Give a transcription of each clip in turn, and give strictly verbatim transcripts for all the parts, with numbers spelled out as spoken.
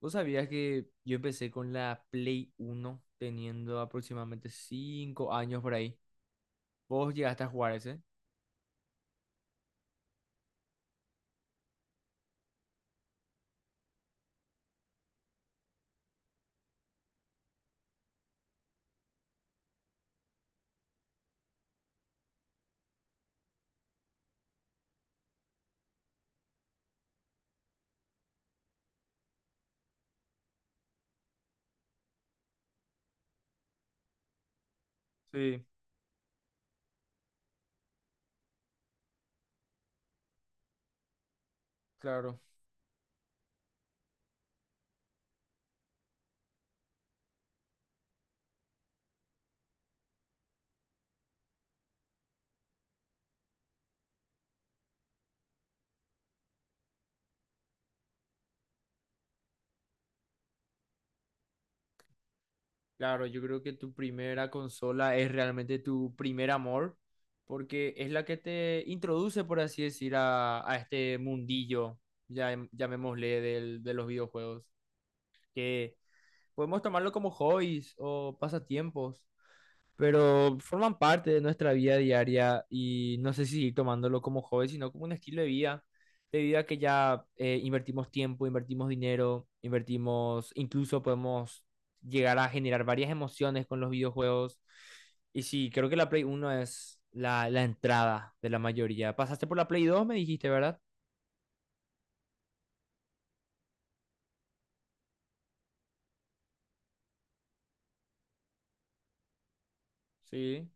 ¿Vos sabías que yo empecé con la Play uno teniendo aproximadamente cinco años por ahí? ¿Vos llegaste a jugar ese? Sí, claro. Claro, yo creo que tu primera consola es realmente tu primer amor, porque es la que te introduce, por así decir, a, a este mundillo, ya, llamémosle, del- de los videojuegos, que podemos tomarlo como hobbies o pasatiempos, pero forman parte de nuestra vida diaria y no sé si seguir tomándolo como hobby, sino como un estilo de vida, de vida que ya eh, invertimos tiempo, invertimos dinero, invertimos, incluso podemos llegar a generar varias emociones con los videojuegos. Y sí, creo que la Play uno es la, la entrada de la mayoría. Pasaste por la Play dos me dijiste, ¿verdad? Sí,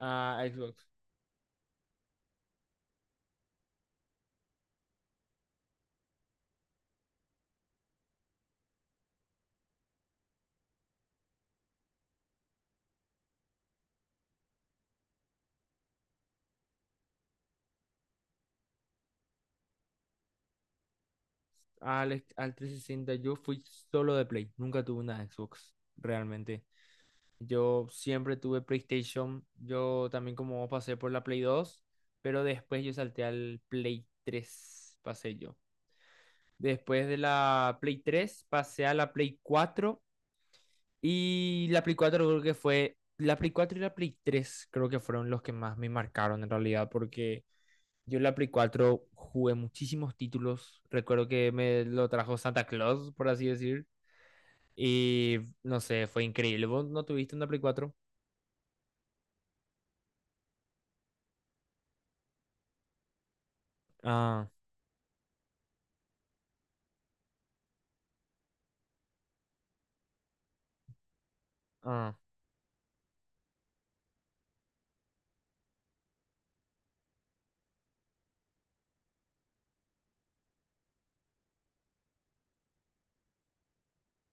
a Xbox. Al, al trescientos sesenta yo fui solo de Play, nunca tuve una Xbox, realmente. Yo siempre tuve PlayStation. Yo también como vos pasé por la Play dos, pero después yo salté al Play tres, pasé yo. Después de la Play tres pasé a la Play cuatro y la Play cuatro creo que fue, la Play cuatro y la Play tres creo que fueron los que más me marcaron en realidad porque yo en la Play cuatro jugué muchísimos títulos. Recuerdo que me lo trajo Santa Claus, por así decir. Y no sé, fue increíble. ¿Vos no tuviste una Play cuatro? Ah, ah.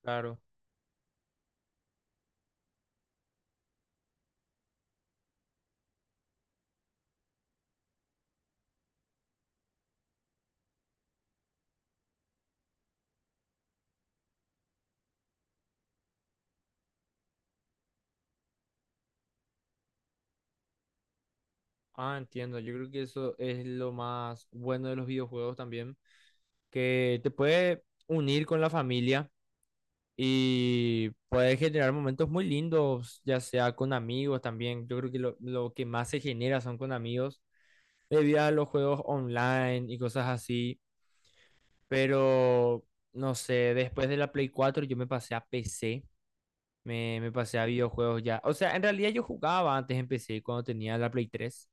Claro. Ah, entiendo. Yo creo que eso es lo más bueno de los videojuegos también, que te puede unir con la familia y puede generar momentos muy lindos, ya sea con amigos también. Yo creo que lo, lo que más se genera son con amigos, debido a los juegos online y cosas así. Pero, no sé, después de la Play cuatro yo me pasé a P C. Me, me pasé a videojuegos ya. O sea, en realidad yo jugaba antes, empecé cuando tenía la Play tres.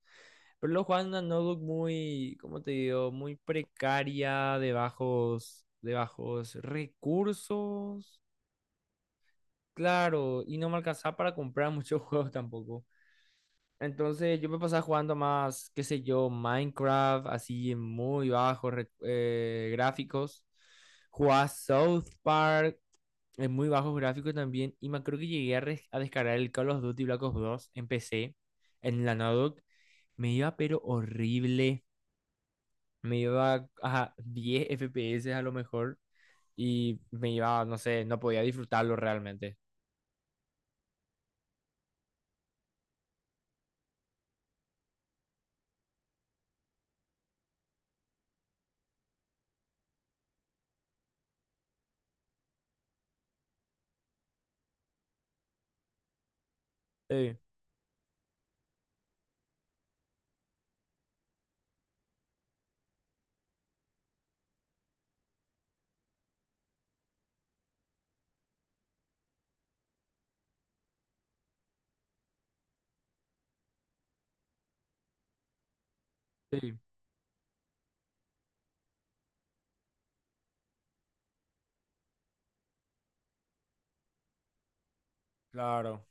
Pero lo jugaba en una notebook muy, ¿cómo te digo? Muy precaria, de bajos, de bajos recursos. Claro, y no me alcanzaba para comprar muchos juegos tampoco. Entonces yo me pasaba jugando más, qué sé yo, Minecraft, así en muy bajos rec- eh, gráficos. Jugaba South Park, es muy bajos gráficos también. Y me creo que llegué a, res- a descargar el Call of Duty Black Ops dos en P C, en la Naudoc. Me iba pero horrible. Me iba a diez F P S a lo mejor. Y me iba, no sé, no podía disfrutarlo realmente. Sí, sí, claro.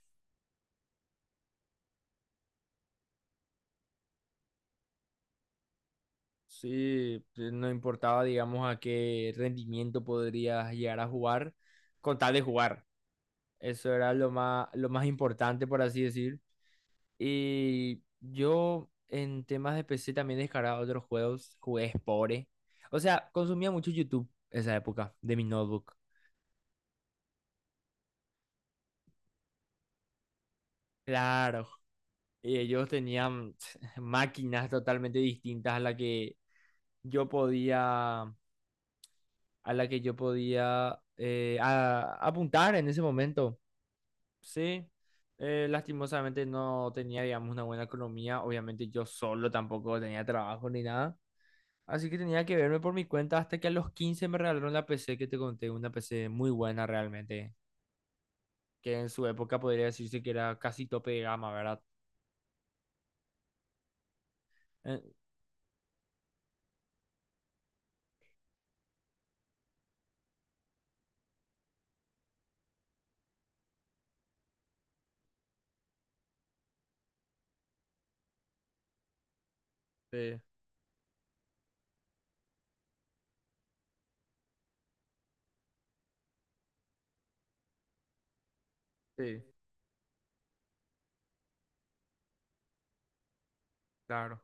Sí, pues, no importaba, digamos, a qué rendimiento podrías llegar a jugar, con tal de jugar. Eso era lo más, lo más importante, por así decir. Y yo en temas de P C también descargaba otros juegos, jugué Spore. O sea, consumía mucho YouTube esa época de mi notebook. Claro. Y ellos tenían máquinas totalmente distintas a la que yo podía, a la que yo podía eh, a- apuntar en ese momento. Sí, eh, lastimosamente no tenía, digamos, una buena economía. Obviamente yo solo tampoco tenía trabajo ni nada. Así que tenía que verme por mi cuenta hasta que a los quince me regalaron la P C que te conté, una P C muy buena realmente, que en su época podría decirse que era casi tope de gama, ¿verdad? Eh, sí, sí, claro.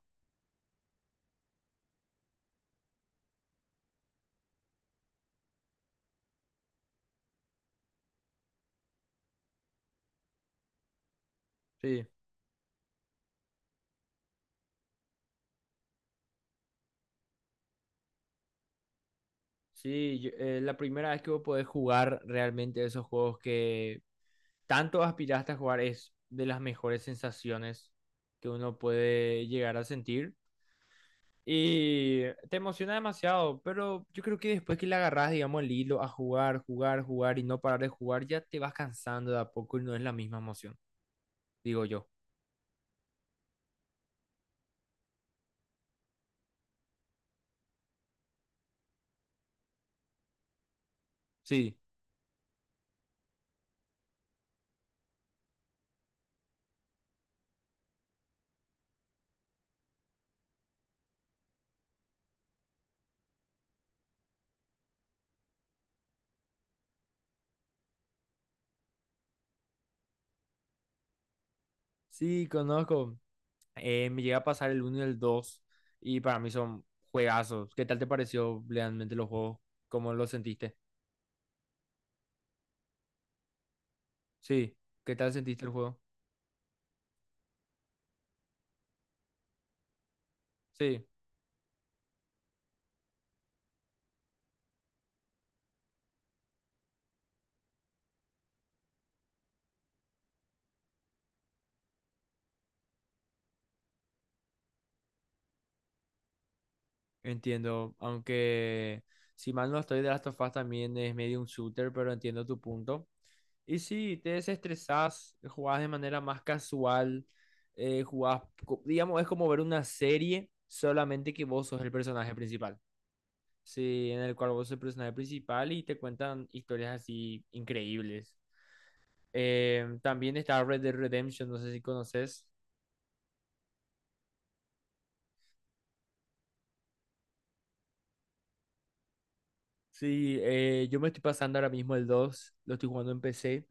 Sí, sí, yo- eh, la primera vez que vos podés jugar realmente esos juegos que tanto aspiraste a jugar es de las mejores sensaciones que uno puede llegar a sentir. Y te emociona demasiado, pero yo creo que después que le agarras, digamos, el hilo a jugar, jugar, jugar y no parar de jugar, ya te vas cansando de a poco y no es la misma emoción, digo yo. Sí, sí, conozco. Eh, me llega a pasar el uno y el dos y para mí son juegazos. ¿Qué tal te pareció realmente los juegos? ¿Cómo lo sentiste? Sí, ¿qué tal sentiste el juego? Sí, entiendo, aunque si mal no estoy, de Last of Us también es medio un shooter, pero entiendo tu punto. Y sí, te desestresás, jugás de manera más casual, eh, jugás, co- digamos, es como ver una serie, solamente que vos sos el personaje principal. Sí, en el cual vos sos el personaje principal y te cuentan historias así increíbles. Eh, también está Red Dead Redemption, no sé si conoces. Sí, eh, yo me estoy pasando ahora mismo el dos, lo estoy jugando en P C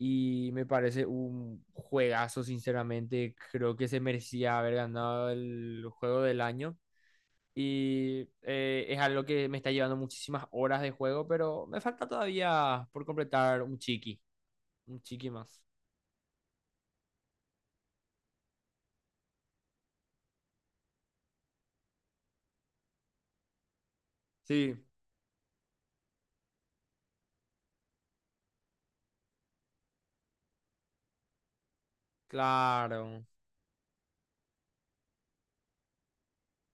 y me parece un juegazo, sinceramente. Creo que se merecía haber ganado el juego del año. Y eh, es algo que me está llevando muchísimas horas de juego, pero me falta todavía por completar un chiqui, un chiqui más. Sí. Claro,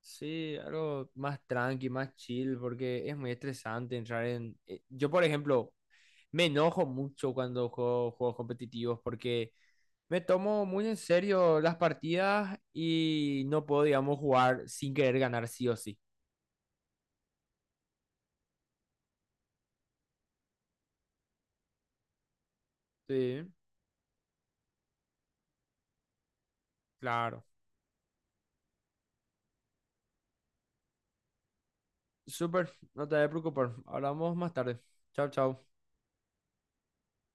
sí, algo más tranqui, más chill, porque es muy estresante entrar en... eh, Yo, por ejemplo, me enojo mucho cuando juego juegos competitivos porque me tomo muy en serio las partidas y no puedo, digamos, jugar sin querer ganar sí o sí. Sí. Claro. Súper, no te preocupes. Hablamos más tarde. Chao, chao.